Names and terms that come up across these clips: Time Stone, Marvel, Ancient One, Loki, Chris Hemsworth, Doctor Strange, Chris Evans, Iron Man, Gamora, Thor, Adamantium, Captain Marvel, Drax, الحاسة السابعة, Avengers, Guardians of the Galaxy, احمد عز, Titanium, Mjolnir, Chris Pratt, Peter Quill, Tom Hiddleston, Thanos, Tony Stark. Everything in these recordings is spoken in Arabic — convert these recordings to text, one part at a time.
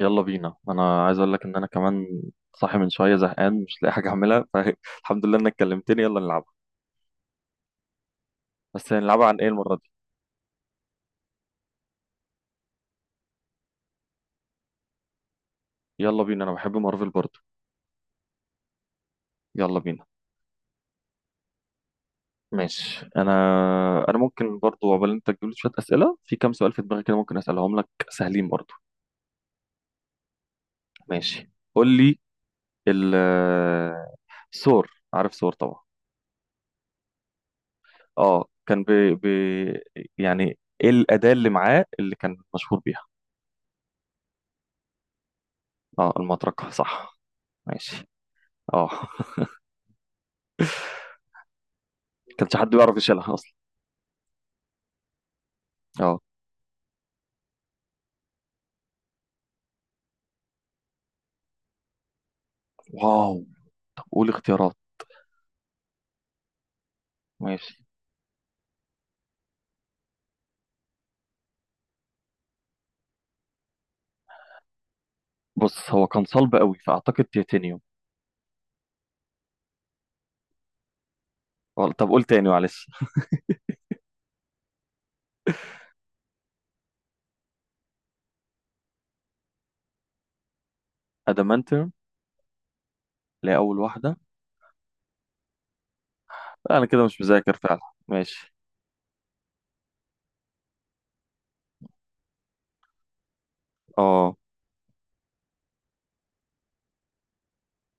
يلا بينا، انا عايز اقول لك ان انا كمان صاحي من شويه، زهقان مش لاقي حاجه اعملها فالحمد لله انك كلمتني، يلا نلعبها. بس هنلعبها عن ايه المره دي؟ يلا بينا، انا بحب مارفل برضو. يلا بينا، ماشي. انا ممكن برضو، عقبال انت تجيب لي شويه اسئله، في كام سؤال في دماغي كده ممكن اسالهم لك سهلين برضو. ماشي، قول لي. ال سور. عارف سور طبعا. اه، كان يعني ايه الاداه اللي معاه اللي كان مشهور بيها؟ اه، المطرقه صح. ماشي، اه. كانش حد بيعرف يشيلها اصلا؟ اه، واو. طب قول اختيارات. ماشي، بص هو كان صلب قوي فاعتقد تيتانيوم. طب قول تاني معلش. ادمانتيوم، اللي هي اول واحده. لا، انا كده مش مذاكر فعلا. ماشي، اه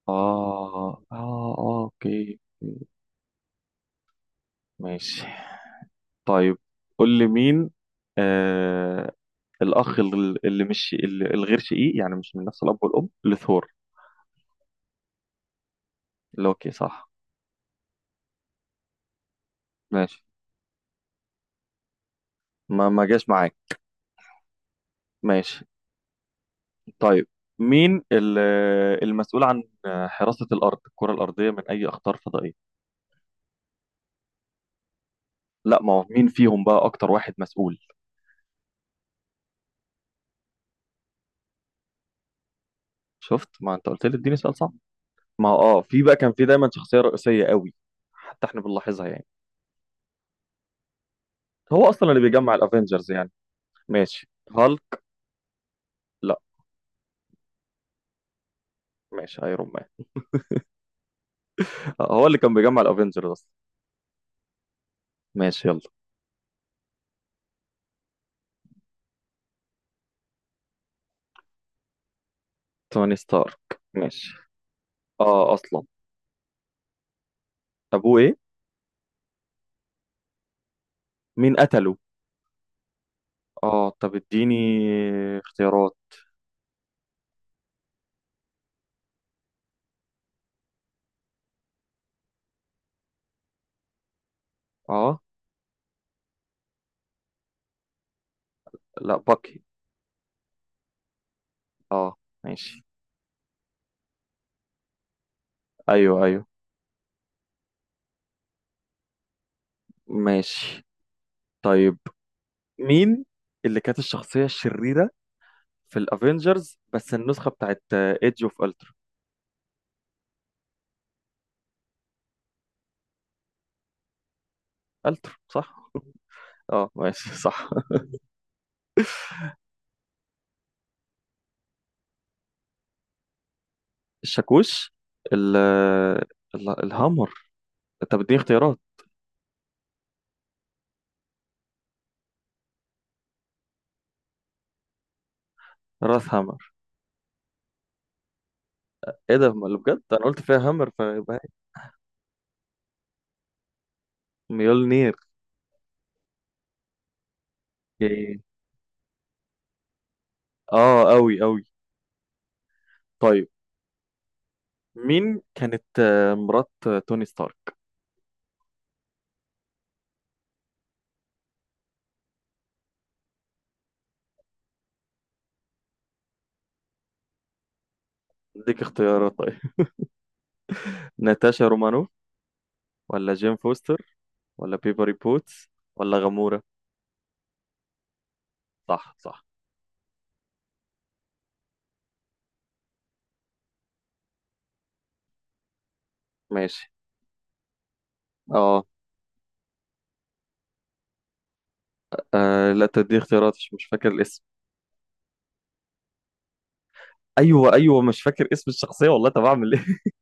اه اه، آه، اوكي. ماشي، طيب قول لي مين آه الاخ، اللي الغير شقيق، يعني مش من نفس الاب والام لثور. لوكي صح. ماشي، ما جاش معاك. ماشي، طيب مين المسؤول عن حراسة الأرض، الكرة الأرضية، من أي أخطار فضائية؟ لا، ما هو مين فيهم بقى أكتر واحد مسؤول؟ شفت، ما أنت قلت لي اديني سؤال صعب. ما هو في بقى، كان في دايما شخصية رئيسية قوي، حتى إحنا بنلاحظها يعني. هو أصلا اللي بيجمع الأفينجرز يعني. ماشي، هالك. لا، ماشي ايرون مان. آه، هو اللي كان بيجمع الأفينجرز أصلا. ماشي يلا. توني ستارك. ماشي. آه أصلا. أبوه إيه؟ مين قتله؟ آه، طب اديني اختيارات. آه. لا، باكي. آه. ماشي. ايوه ايوه، ماشي. طيب، مين اللي كانت الشخصية الشريرة في الافينجرز، بس النسخة بتاعت ايدج اوف التر؟ التر صح. اه، ماشي صح. الشاكوش. ال الهامر. طب اديني اختيارات. راس هامر. ايه ده؟ ما اللي بجد انا قلت فيها هامر فيبقى هي. ميولنير. إيه. اه، اوي اوي. طيب مين كانت مرات توني ستارك؟ اديك اختيارات طيب. ناتاشا رومانوف، ولا جيم فوستر، ولا بيبري بوتس، ولا غامورة؟ صح صح. ماشي، اه. آه، لا تدي اختيارات، مش فاكر الاسم. ايوه ايوه، مش فاكر اسم الشخصيه والله، طب اعمل ايه؟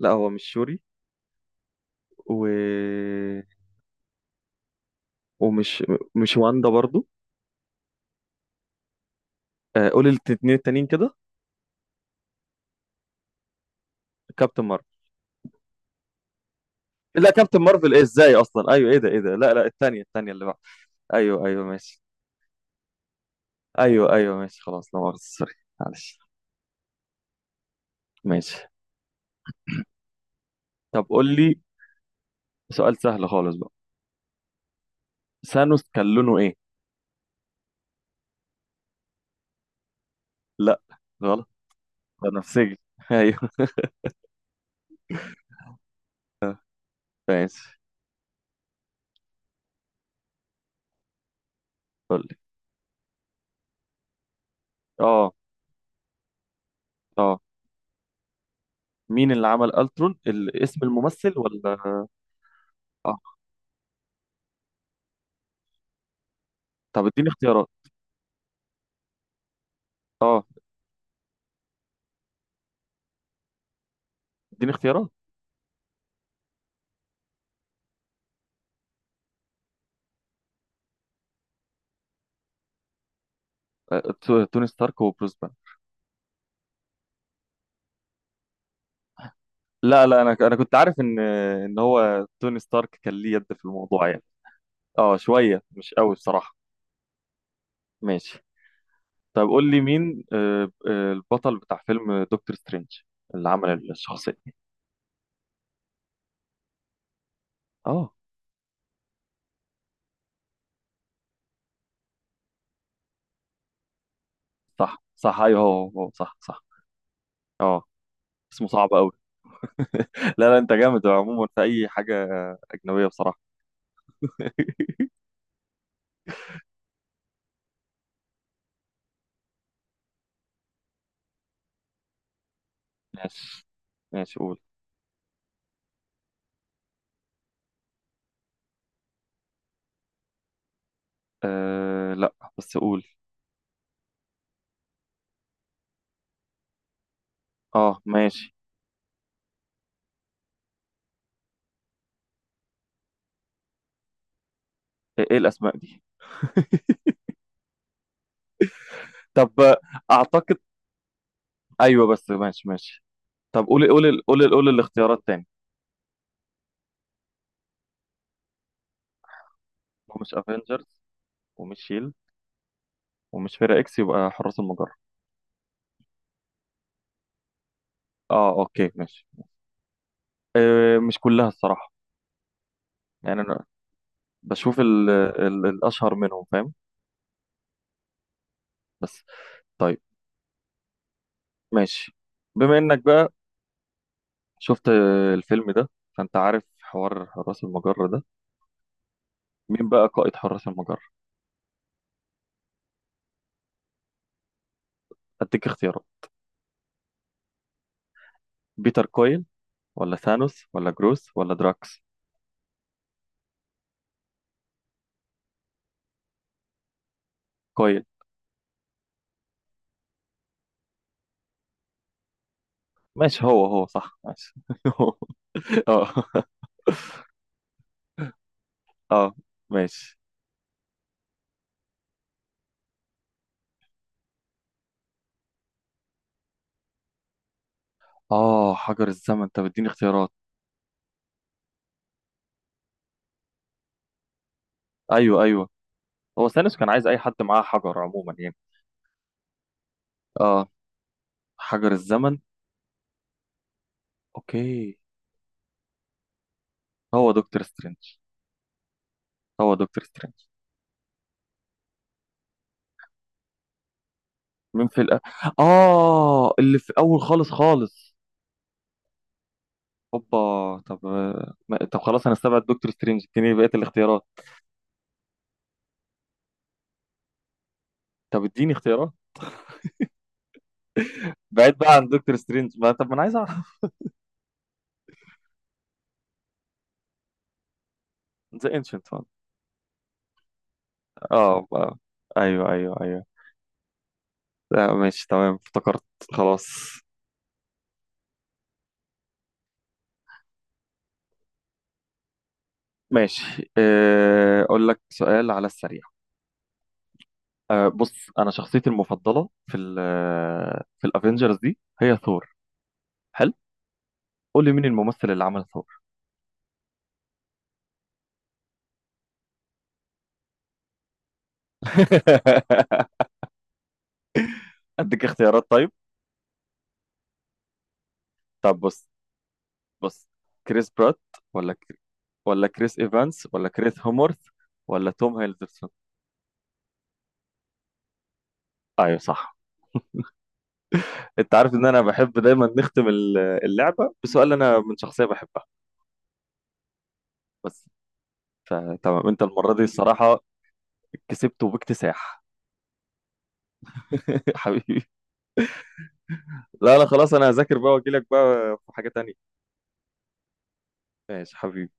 لا، هو مش شوري. و... ومش مش واندا برضو. آه، قول الاثنين التانيين كده. كابتن مارفل. لا، كابتن مارفل ايه ازاي اصلا؟ ايوه، ايه ده؟ ايه ده؟ لا لا، الثانيه اللي بعد. ايوه ايوه، ماشي. ايوه ايوه ماشي، خلاص لا مؤاخذه سوري معلش. ماشي، طب قول لي سؤال سهل خالص بقى. ثانوس كان لونه ايه؟ لا، غلط. بنفسجي ايوه. ماشي، قول لي. اه اه. مين اللي عمل الترون، اسم الممثل ولا؟ اه، طب اديني اختيارات. اه، اديني اختيارات. آه، توني ستارك وبروس بان. لا لا، انا كنت عارف ان هو توني ستارك كان ليه يد في الموضوع يعني. اه، شويه مش قوي بصراحه. ماشي، طب قول لي مين البطل بتاع فيلم دكتور سترينج؟ اللي عمل الشخصيه. اه صح صح، ايوه هو هو هو، صح صح. اه، اسمه صعب قوي. لا لا، انت جامد عموما في اي حاجه اجنبيه بصراحه. ماشي ماشي، قول. أه، لا بس قول. اه، ماشي. إيه الاسماء دي؟ طب اعتقد، ايوه بس ماشي ماشي. طب قولي قولي الاختيارات تاني. هو مش افنجرز ومش شيل ومش فرقة اكس، يبقى حراس المجرة. اه اوكي ماشي. أه، مش كلها الصراحة. يعني انا بشوف ال ال الاشهر منهم، فاهم؟ بس. طيب، ماشي. بما انك بقى شفت الفيلم ده، فانت عارف حوار حراس المجرة ده، مين بقى قائد حراس المجرة؟ اديك اختيارات. بيتر كويل، ولا ثانوس، ولا جروس، ولا دراكس؟ كويل. ماشي هو هو صح، ماشي هو. اه اه، ماشي. اه، حجر الزمن، انت بتديني اختيارات؟ ايوه ايوه. هو ثانوس كان عايز اي حد معاه حجر عموما يعني. اه، حجر الزمن. اوكي. هو دكتور سترينج. هو دكتور سترينج. مين في الأ... اه، اللي في اول خالص خالص. هوبا. طب خلاص، انا استبعد دكتور سترينج، اديني بقيه الاختيارات. طب اديني اختيارات. بعيد بقى عن دكتور سترينج، ما انا عايز اعرف. ذا انشنت. اه بقى. ايوه ايوه ايوه. لا، ماشي تمام، افتكرت. خلاص، ماشي. آه، اقول لك سؤال على السريع. أه بص، انا شخصيتي المفضله في الافينجرز دي هي ثور. حلو، قول لي مين الممثل اللي عمل ثور. اديك اختيارات طيب. طب بص بص، كريس برات، ولا كر... ولا كريس ايفانس، ولا كريس هومورث، ولا توم هيلدرسون؟ ايوه صح. انت عارف ان انا بحب دايما نختم اللعبه بسؤال انا من شخصيه بحبها. بس، فتمام، انت المره دي الصراحه كسبت وباكتساح. حبيبي. لا لا، خلاص انا هذاكر بقى واجي لك بقى في حاجه تانية. ماشي حبيبي.